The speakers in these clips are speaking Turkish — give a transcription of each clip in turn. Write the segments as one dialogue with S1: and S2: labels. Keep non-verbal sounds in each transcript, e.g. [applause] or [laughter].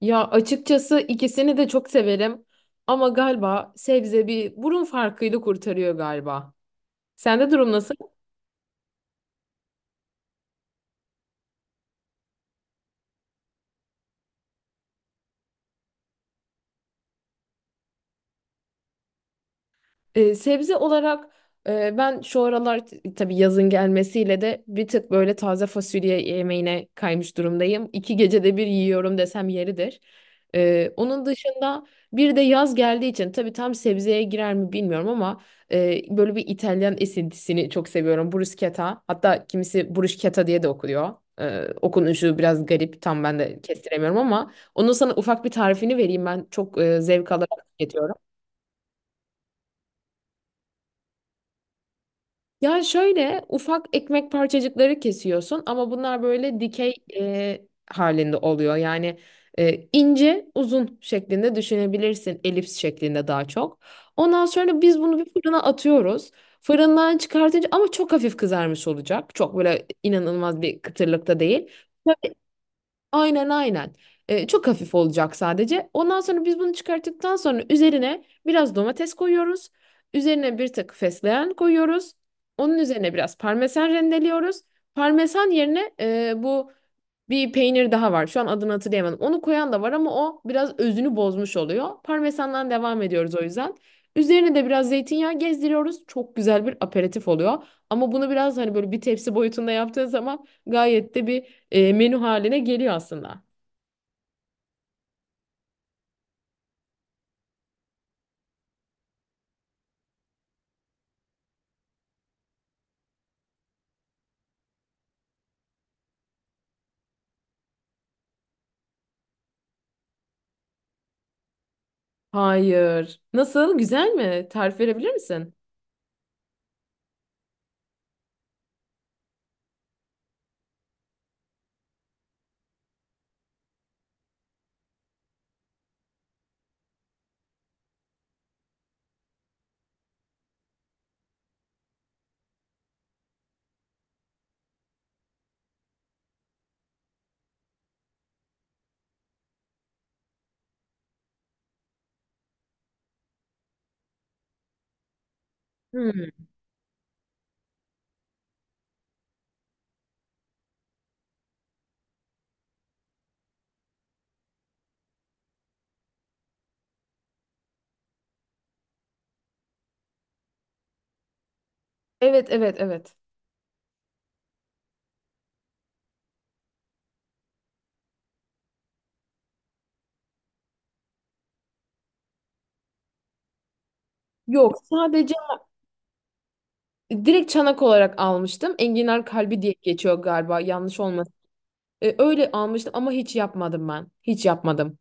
S1: Ya açıkçası ikisini de çok severim ama galiba sebze bir burun farkıyla kurtarıyor galiba. Sende durum nasıl? Sebze olarak ben şu aralar tabii yazın gelmesiyle de bir tık böyle taze fasulye yemeğine kaymış durumdayım. İki gecede bir yiyorum desem yeridir. Onun dışında bir de yaz geldiği için tabii tam sebzeye girer mi bilmiyorum ama böyle bir İtalyan esintisini çok seviyorum. Bruschetta, hatta kimisi bruschetta diye de okuyor. Okunuşu biraz garip, tam ben de kestiremiyorum ama onun sana ufak bir tarifini vereyim, ben çok zevk alarak tüketiyorum. Ya şöyle ufak ekmek parçacıkları kesiyorsun ama bunlar böyle dikey halinde oluyor. Yani ince uzun şeklinde düşünebilirsin. Elips şeklinde daha çok. Ondan sonra biz bunu bir fırına atıyoruz. Fırından çıkartınca ama çok hafif kızarmış olacak. Çok böyle inanılmaz bir kıtırlıkta değil. Aynen aynen. Çok hafif olacak sadece. Ondan sonra biz bunu çıkarttıktan sonra üzerine biraz domates koyuyoruz. Üzerine bir tık fesleğen koyuyoruz. Onun üzerine biraz parmesan rendeliyoruz. Parmesan yerine bu bir peynir daha var. Şu an adını hatırlayamadım. Onu koyan da var ama o biraz özünü bozmuş oluyor. Parmesandan devam ediyoruz o yüzden. Üzerine de biraz zeytinyağı gezdiriyoruz. Çok güzel bir aperatif oluyor. Ama bunu biraz hani böyle bir tepsi boyutunda yaptığın zaman gayet de bir menü haline geliyor aslında. Hayır. Nasıl? Güzel mi? Tarif verebilir misin? Hmm. Evet, evet, evet. Yok, sadece direkt çanak olarak almıştım. Enginar kalbi diye geçiyor galiba. Yanlış olmasın. E, öyle almıştım ama hiç yapmadım ben. Hiç yapmadım.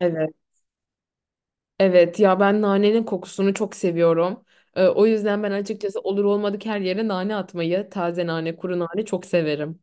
S1: Evet. Evet ya, ben nanenin kokusunu çok seviyorum. O yüzden ben açıkçası olur olmadık her yere nane atmayı, taze nane, kuru nane çok severim.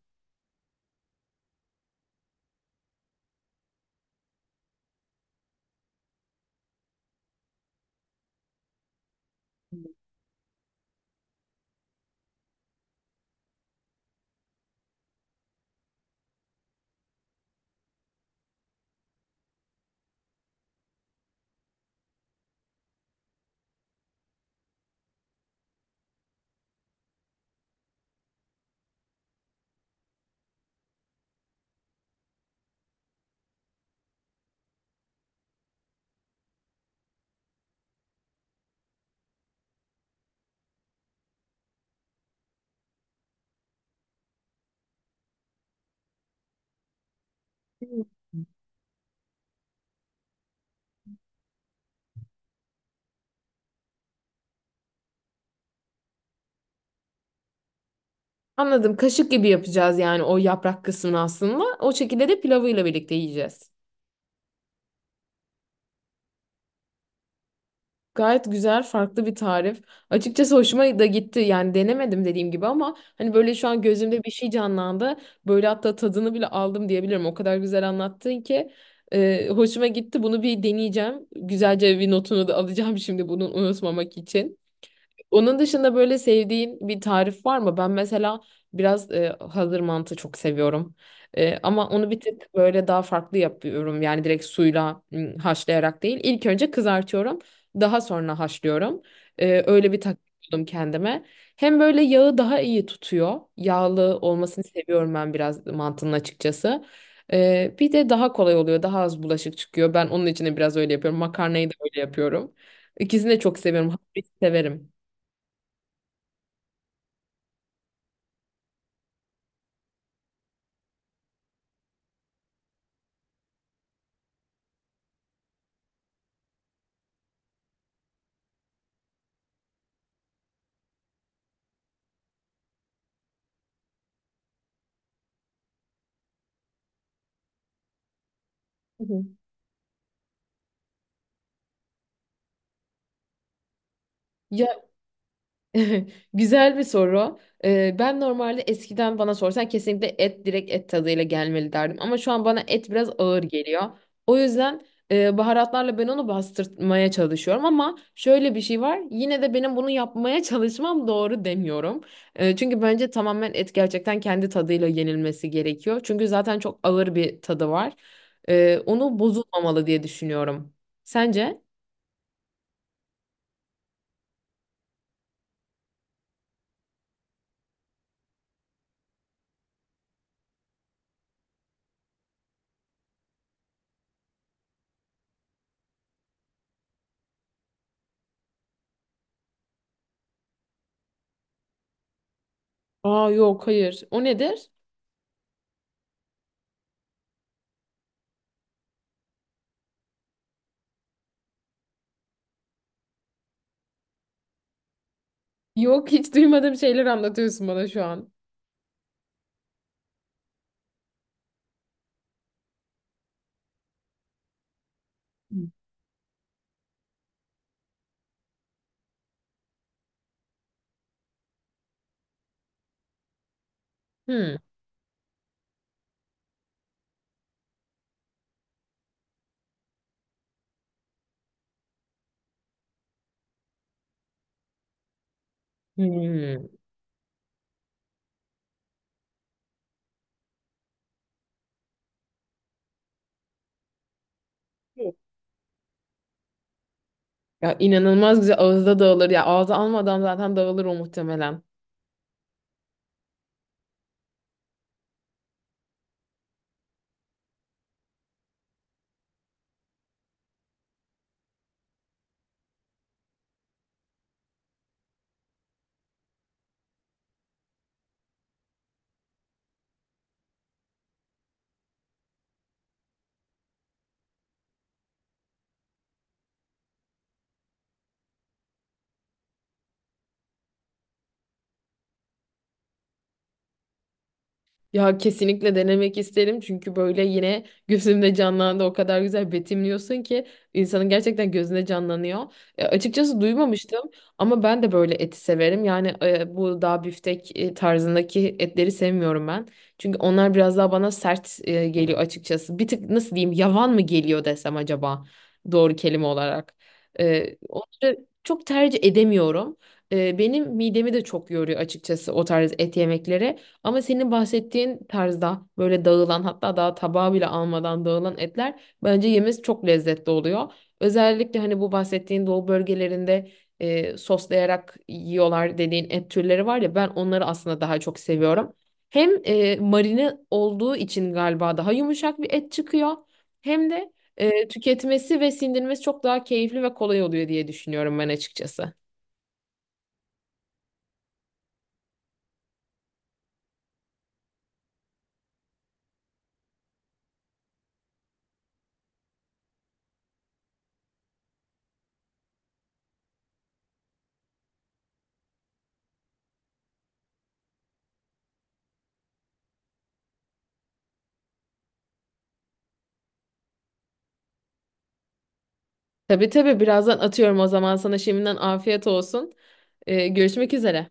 S1: Anladım. Kaşık gibi yapacağız yani o yaprak kısmını aslında. O şekilde de pilavıyla birlikte yiyeceğiz. Gayet güzel, farklı bir tarif. Açıkçası hoşuma da gitti. Yani denemedim dediğim gibi ama hani böyle şu an gözümde bir şey canlandı. Böyle hatta tadını bile aldım diyebilirim. O kadar güzel anlattın ki hoşuma gitti. Bunu bir deneyeceğim. Güzelce bir notunu da [laughs] alacağım şimdi bunu unutmamak için. Onun dışında böyle sevdiğin bir tarif var mı? Ben mesela biraz hazır mantı çok seviyorum. E, ama onu bir tık böyle daha farklı yapıyorum. Yani direkt suyla haşlayarak değil. İlk önce kızartıyorum. Daha sonra haşlıyorum. E, öyle bir taktik buldum kendime. Hem böyle yağı daha iyi tutuyor. Yağlı olmasını seviyorum ben biraz mantının açıkçası. E, bir de daha kolay oluyor. Daha az bulaşık çıkıyor. Ben onun için de biraz öyle yapıyorum. Makarnayı da öyle yapıyorum. İkisini de çok seviyorum. Hafif severim. Hı hı. Ya [laughs] güzel bir soru. Ben normalde eskiden bana sorsan kesinlikle et direkt et tadıyla gelmeli derdim. Ama şu an bana et biraz ağır geliyor. O yüzden baharatlarla ben onu bastırmaya çalışıyorum. Ama şöyle bir şey var. Yine de benim bunu yapmaya çalışmam doğru demiyorum. E, çünkü bence tamamen et gerçekten kendi tadıyla yenilmesi gerekiyor. Çünkü zaten çok ağır bir tadı var. E, onu bozulmamalı diye düşünüyorum. Sence? Aa yok, hayır. O nedir? Yok, hiç duymadığım şeyler anlatıyorsun bana şu an. Hmm. Hmm. Ya inanılmaz güzel, ağızda dağılır. Ya ağza almadan zaten dağılır o muhtemelen. Ya kesinlikle denemek isterim çünkü böyle yine gözümde canlandı, o kadar güzel betimliyorsun ki insanın gerçekten gözünde canlanıyor. E, açıkçası duymamıştım ama ben de böyle eti severim. Yani bu daha biftek tarzındaki etleri sevmiyorum ben. Çünkü onlar biraz daha bana sert geliyor açıkçası. Bir tık nasıl diyeyim, yavan mı geliyor desem acaba doğru kelime olarak. E, onları çok tercih edemiyorum. E, benim midemi de çok yoruyor açıkçası o tarz et yemekleri. Ama senin bahsettiğin tarzda böyle dağılan, hatta daha tabağı bile almadan dağılan etler bence yemesi çok lezzetli oluyor. Özellikle hani bu bahsettiğin doğu bölgelerinde soslayarak yiyorlar dediğin et türleri var ya, ben onları aslında daha çok seviyorum. Hem marine olduğu için galiba daha yumuşak bir et çıkıyor. Hem de tüketmesi ve sindirmesi çok daha keyifli ve kolay oluyor diye düşünüyorum ben açıkçası. Tabii tabii, birazdan atıyorum o zaman sana, şimdiden afiyet olsun. E, görüşmek üzere.